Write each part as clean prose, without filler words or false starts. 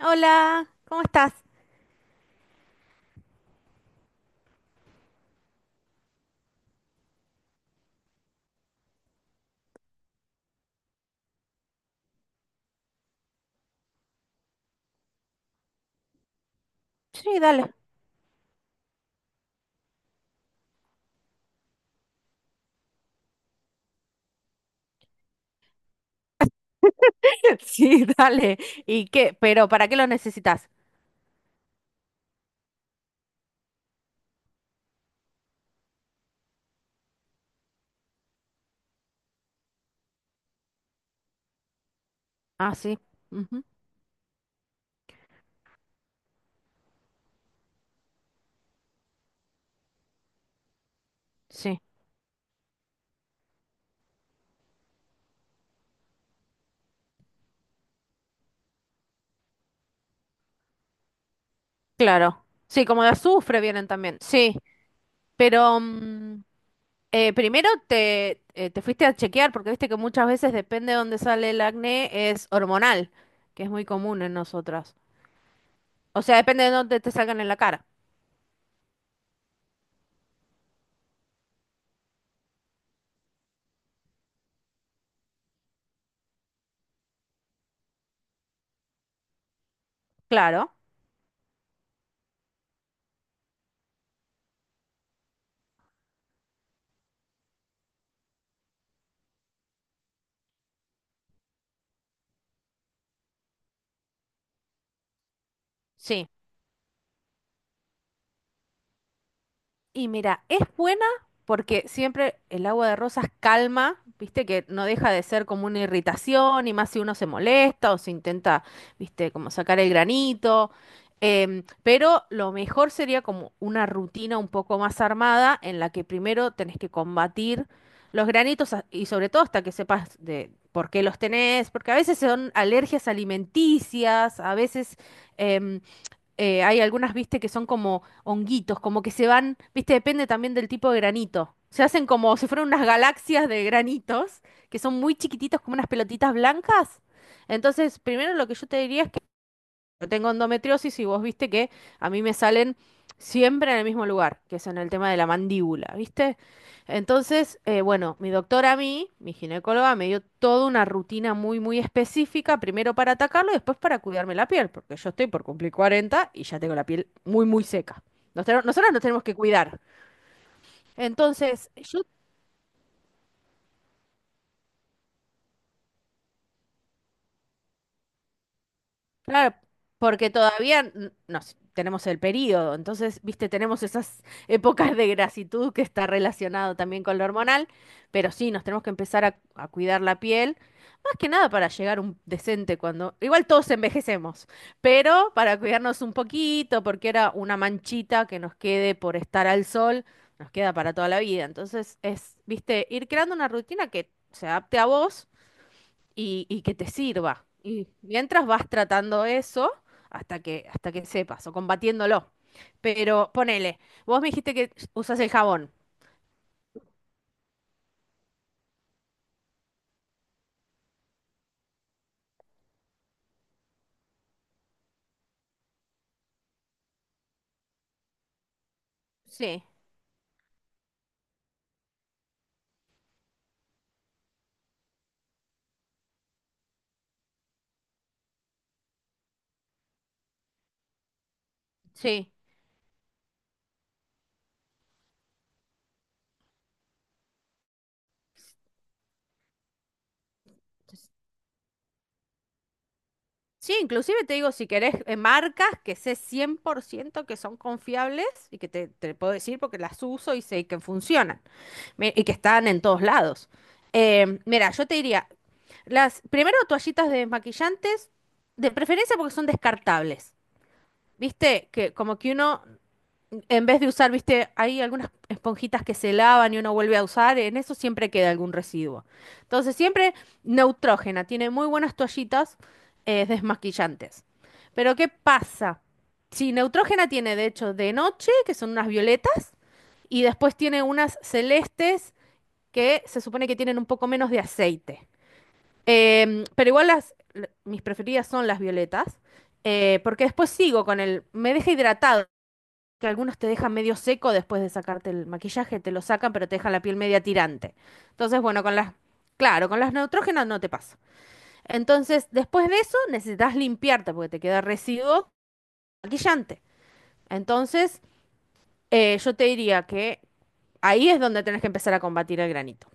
Hola, ¿cómo estás? Sí, dale. Sí, dale. ¿Y qué? Pero ¿para qué lo necesitas? Ah, sí. Ujú, sí, claro. Sí, como de azufre vienen también. Sí, pero primero te fuiste a chequear porque viste que muchas veces depende de dónde sale el acné, es hormonal, que es muy común en nosotras. O sea, depende de dónde te salgan en la cara. Claro, sí. Y mira, es buena porque siempre el agua de rosas calma, viste que no deja de ser como una irritación y más si uno se molesta o se intenta, viste, como sacar el granito. Pero lo mejor sería como una rutina un poco más armada en la que primero tenés que combatir los granitos y sobre todo hasta que sepas de por qué los tenés, porque a veces son alergias alimenticias, a veces, em, hay algunas, viste, que son como honguitos, como que se van, viste, depende también del tipo de granito. Se hacen como si fueran unas galaxias de granitos, que son muy chiquititos, como unas pelotitas blancas. Entonces, primero lo que yo te diría es yo tengo endometriosis y vos viste que a mí me salen siempre en el mismo lugar, que es en el tema de la mandíbula, ¿viste? Entonces, bueno, mi doctora a mí, mi ginecóloga, me dio toda una rutina muy, muy específica, primero para atacarlo y después para cuidarme la piel, porque yo estoy por cumplir 40 y ya tengo la piel muy, muy seca. Nosotros nos tenemos que cuidar. Entonces, yo. Claro, porque todavía no sé, tenemos el periodo, entonces, viste, tenemos esas épocas de grasitud que está relacionado también con lo hormonal, pero sí, nos tenemos que empezar a cuidar la piel, más que nada para llegar un decente cuando, igual todos envejecemos, pero para cuidarnos un poquito, porque era una manchita que nos quede por estar al sol, nos queda para toda la vida, entonces es, viste, ir creando una rutina que se adapte a vos y que te sirva. Y mientras vas tratando eso hasta que sepas o combatiéndolo. Pero ponele, vos me dijiste que usas el jabón. Sí, sí. Sí, inclusive te digo, si querés marcas que sé 100% que son confiables y que te puedo decir porque las uso y sé que funcionan y que están en todos lados. Mira, yo te diría, las primero toallitas de maquillantes, de preferencia porque son descartables. Viste que como que uno, en vez de usar, viste, hay algunas esponjitas que se lavan y uno vuelve a usar, en eso siempre queda algún residuo. Entonces, siempre neutrógena, tiene muy buenas toallitas desmaquillantes. Pero ¿qué pasa? Sí, neutrógena tiene, de hecho, de noche, que son unas violetas, y después tiene unas celestes que se supone que tienen un poco menos de aceite. Pero igual mis preferidas son las violetas porque después sigo con el, me deja hidratado, que algunos te dejan medio seco después de sacarte el maquillaje, te lo sacan, pero te dejan la piel media tirante. Entonces, bueno, con las, claro, con las neutrógenas no te pasa. Entonces, después de eso, necesitas limpiarte porque te queda residuo maquillante. Entonces, yo te diría que ahí es donde tenés que empezar a combatir el granito.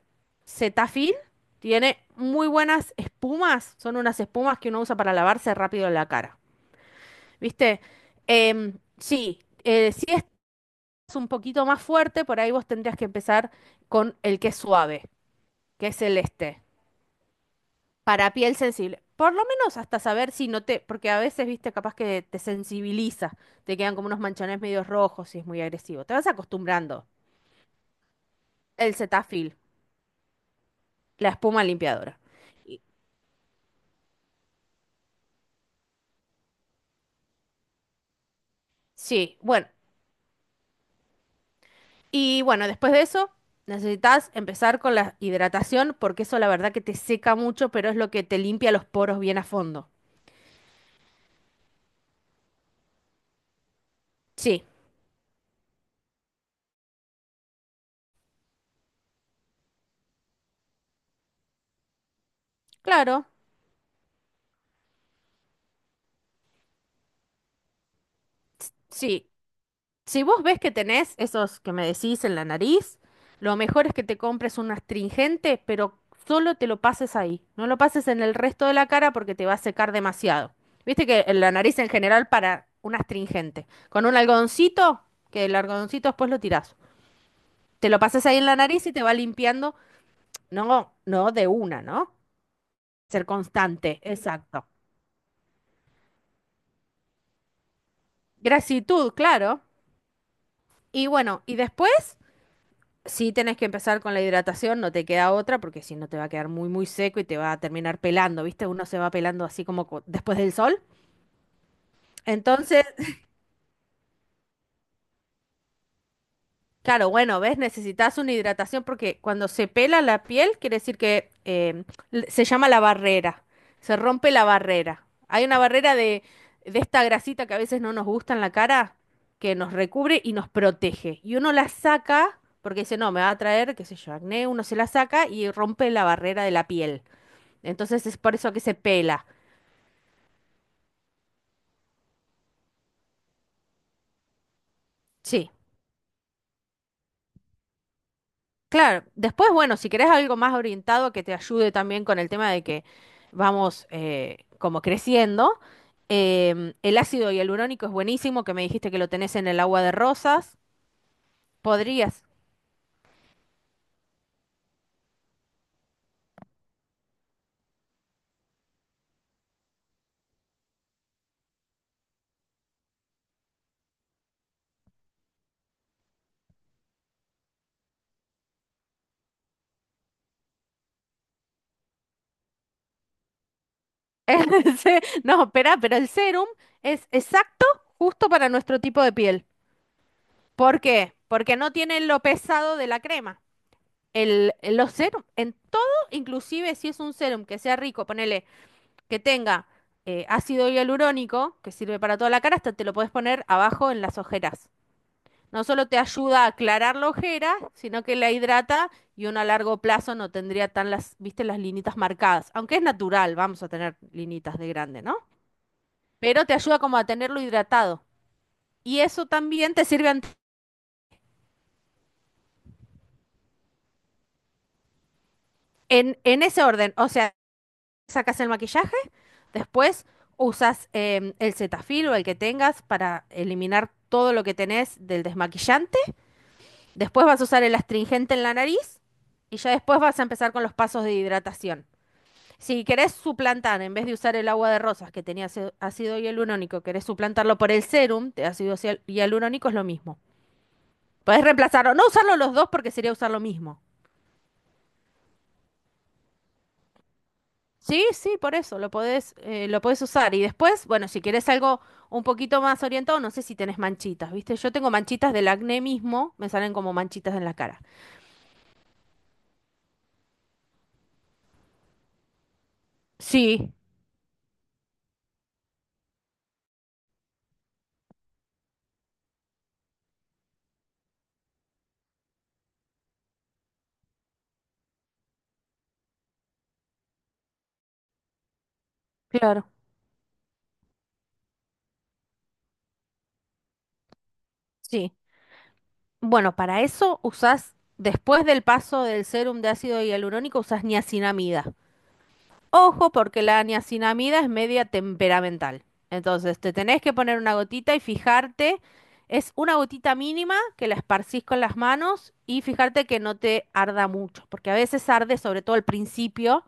Cetaphil tiene muy buenas espumas, son unas espumas que uno usa para lavarse rápido la cara. ¿Viste? Sí, sí, un poquito más fuerte, por ahí vos tendrías que empezar con el que es suave, que es el este, para piel sensible. Por lo menos hasta saber si no te, porque a veces, viste, capaz que te sensibiliza, te quedan como unos manchones medios rojos si es muy agresivo. Te vas acostumbrando. El Cetaphil, la espuma limpiadora. Y- sí, bueno. Y bueno, después de eso, necesitas empezar con la hidratación, porque eso la verdad que te seca mucho, pero es lo que te limpia los poros bien a fondo. Sí, claro. Sí, si vos ves que tenés esos que me decís en la nariz, lo mejor es que te compres un astringente, pero solo te lo pases ahí. No lo pases en el resto de la cara porque te va a secar demasiado. Viste que en la nariz en general para un astringente. Con un algodoncito, que el algodoncito después lo tirás. Te lo pasas ahí en la nariz y te va limpiando. No, no de una, ¿no? Ser constante, exacto. Gratitud, claro. Y bueno, y después. Sí tenés que empezar con la hidratación, no te queda otra, porque si no te va a quedar muy, muy seco y te va a terminar pelando, ¿viste? Uno se va pelando así como después del sol. Entonces, claro, bueno, ¿ves? Necesitas una hidratación porque cuando se pela la piel, quiere decir que se llama la barrera, se rompe la barrera. Hay una barrera de, esta grasita que a veces no nos gusta en la cara, que nos recubre y nos protege. Y uno la saca, porque dice, no, me va a traer, qué sé yo, acné, uno se la saca y rompe la barrera de la piel. Entonces es por eso que se pela. Sí, claro. Después, bueno, si querés algo más orientado que te ayude también con el tema de que vamos como creciendo, el ácido hialurónico es buenísimo, que me dijiste que lo tenés en el agua de rosas. Podrías. El No, espera, pero el serum es exacto, justo para nuestro tipo de piel. ¿Por qué? Porque no tiene lo pesado de la crema. Los serum, en todo, inclusive si es un serum que sea rico, ponele que tenga ácido hialurónico, que sirve para toda la cara, hasta te lo puedes poner abajo en las ojeras. No solo te ayuda a aclarar la ojera, sino que la hidrata y uno a largo plazo no tendría tan las, viste, las linitas marcadas. Aunque es natural, vamos a tener linitas de grande, ¿no? Pero te ayuda como a tenerlo hidratado. Y eso también te sirve en ese orden. O sea, sacas el maquillaje, después usas el Cetaphil o el que tengas para eliminar todo lo que tenés del desmaquillante. Después vas a usar el astringente en la nariz y ya después vas a empezar con los pasos de hidratación. Si querés suplantar, en vez de usar el agua de rosas que tenía ácido hialurónico, querés suplantarlo por el serum de ácido hialurónico, es lo mismo. Podés reemplazarlo, no usarlo los dos porque sería usar lo mismo. Sí, sí, por eso, lo podés usar. Y después, bueno, si querés algo un poquito más orientado, no sé si tenés manchitas, ¿viste? Yo tengo manchitas del acné mismo, me salen como manchitas en la cara. Sí, claro. Sí. Bueno, para eso usás, después del paso del sérum de ácido hialurónico, usás niacinamida. Ojo, porque la niacinamida es media temperamental. Entonces, te tenés que poner una gotita y fijarte, es una gotita mínima que la esparcís con las manos y fijarte que no te arda mucho, porque a veces arde, sobre todo al principio,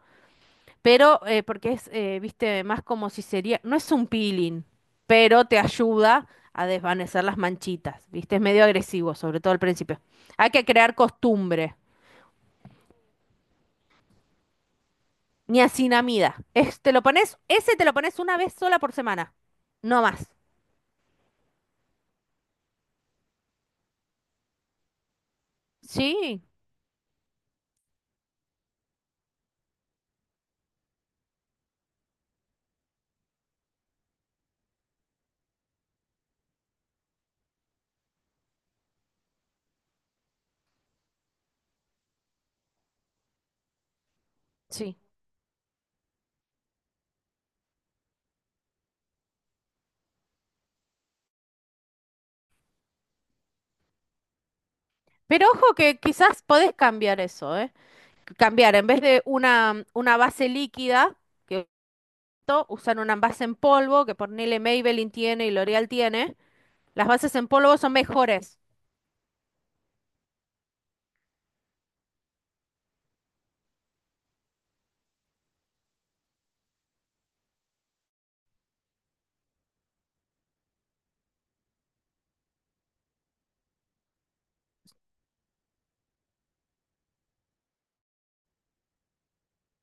pero porque es, viste, más como si sería, no es un peeling, pero te ayuda a desvanecer las manchitas, viste, es medio agresivo, sobre todo al principio. Hay que crear costumbre, niacinamida, es, te lo pones, ese te lo pones una vez sola por semana, no más. Sí, sí. Pero ojo que quizás podés cambiar eso, ¿eh? Cambiar, en vez de una base líquida, que esto, usan una base en polvo, que ponele Maybelline tiene y L'Oreal tiene. Las bases en polvo son mejores.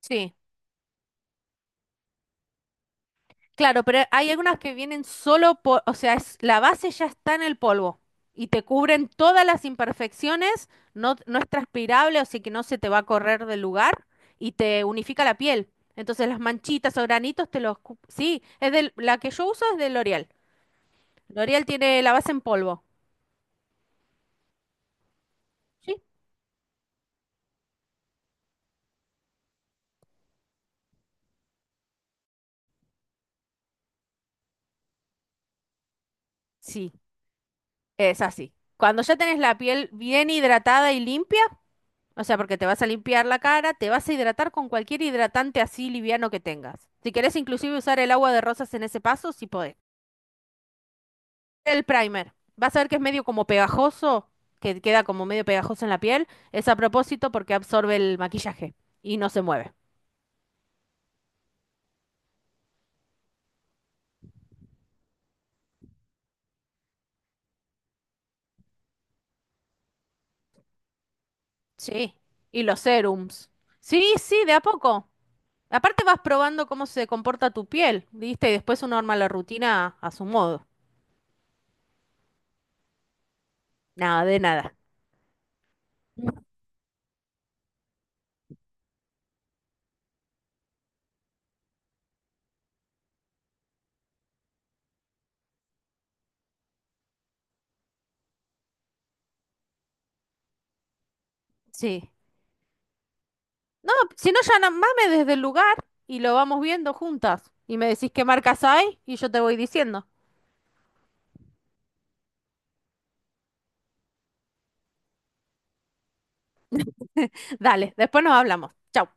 Sí, claro, pero hay algunas que vienen solo por, o sea, es, la base ya está en el polvo y te cubren todas las imperfecciones, no, no es transpirable, o sea que no se te va a correr del lugar y te unifica la piel. Entonces las manchitas o granitos te los, sí, es del, la que yo uso es de L'Oreal. L'Oreal tiene la base en polvo. ¿Sí? Sí, es así. Cuando ya tenés la piel bien hidratada y limpia. O sea, porque te vas a limpiar la cara, te vas a hidratar con cualquier hidratante así liviano que tengas. Si querés inclusive usar el agua de rosas en ese paso, sí podés. El primer. Vas a ver que es medio como pegajoso, que queda como medio pegajoso en la piel. Es a propósito porque absorbe el maquillaje y no se mueve. Sí. Y los serums. Sí, sí, de a poco. Aparte vas probando cómo se comporta tu piel, ¿viste? Y después uno arma la rutina a su modo. Nada, de nada. Sí. No, si no, ya mame desde el lugar y lo vamos viendo juntas. Y me decís qué marcas hay y yo te voy diciendo. Dale, después nos hablamos. Chau.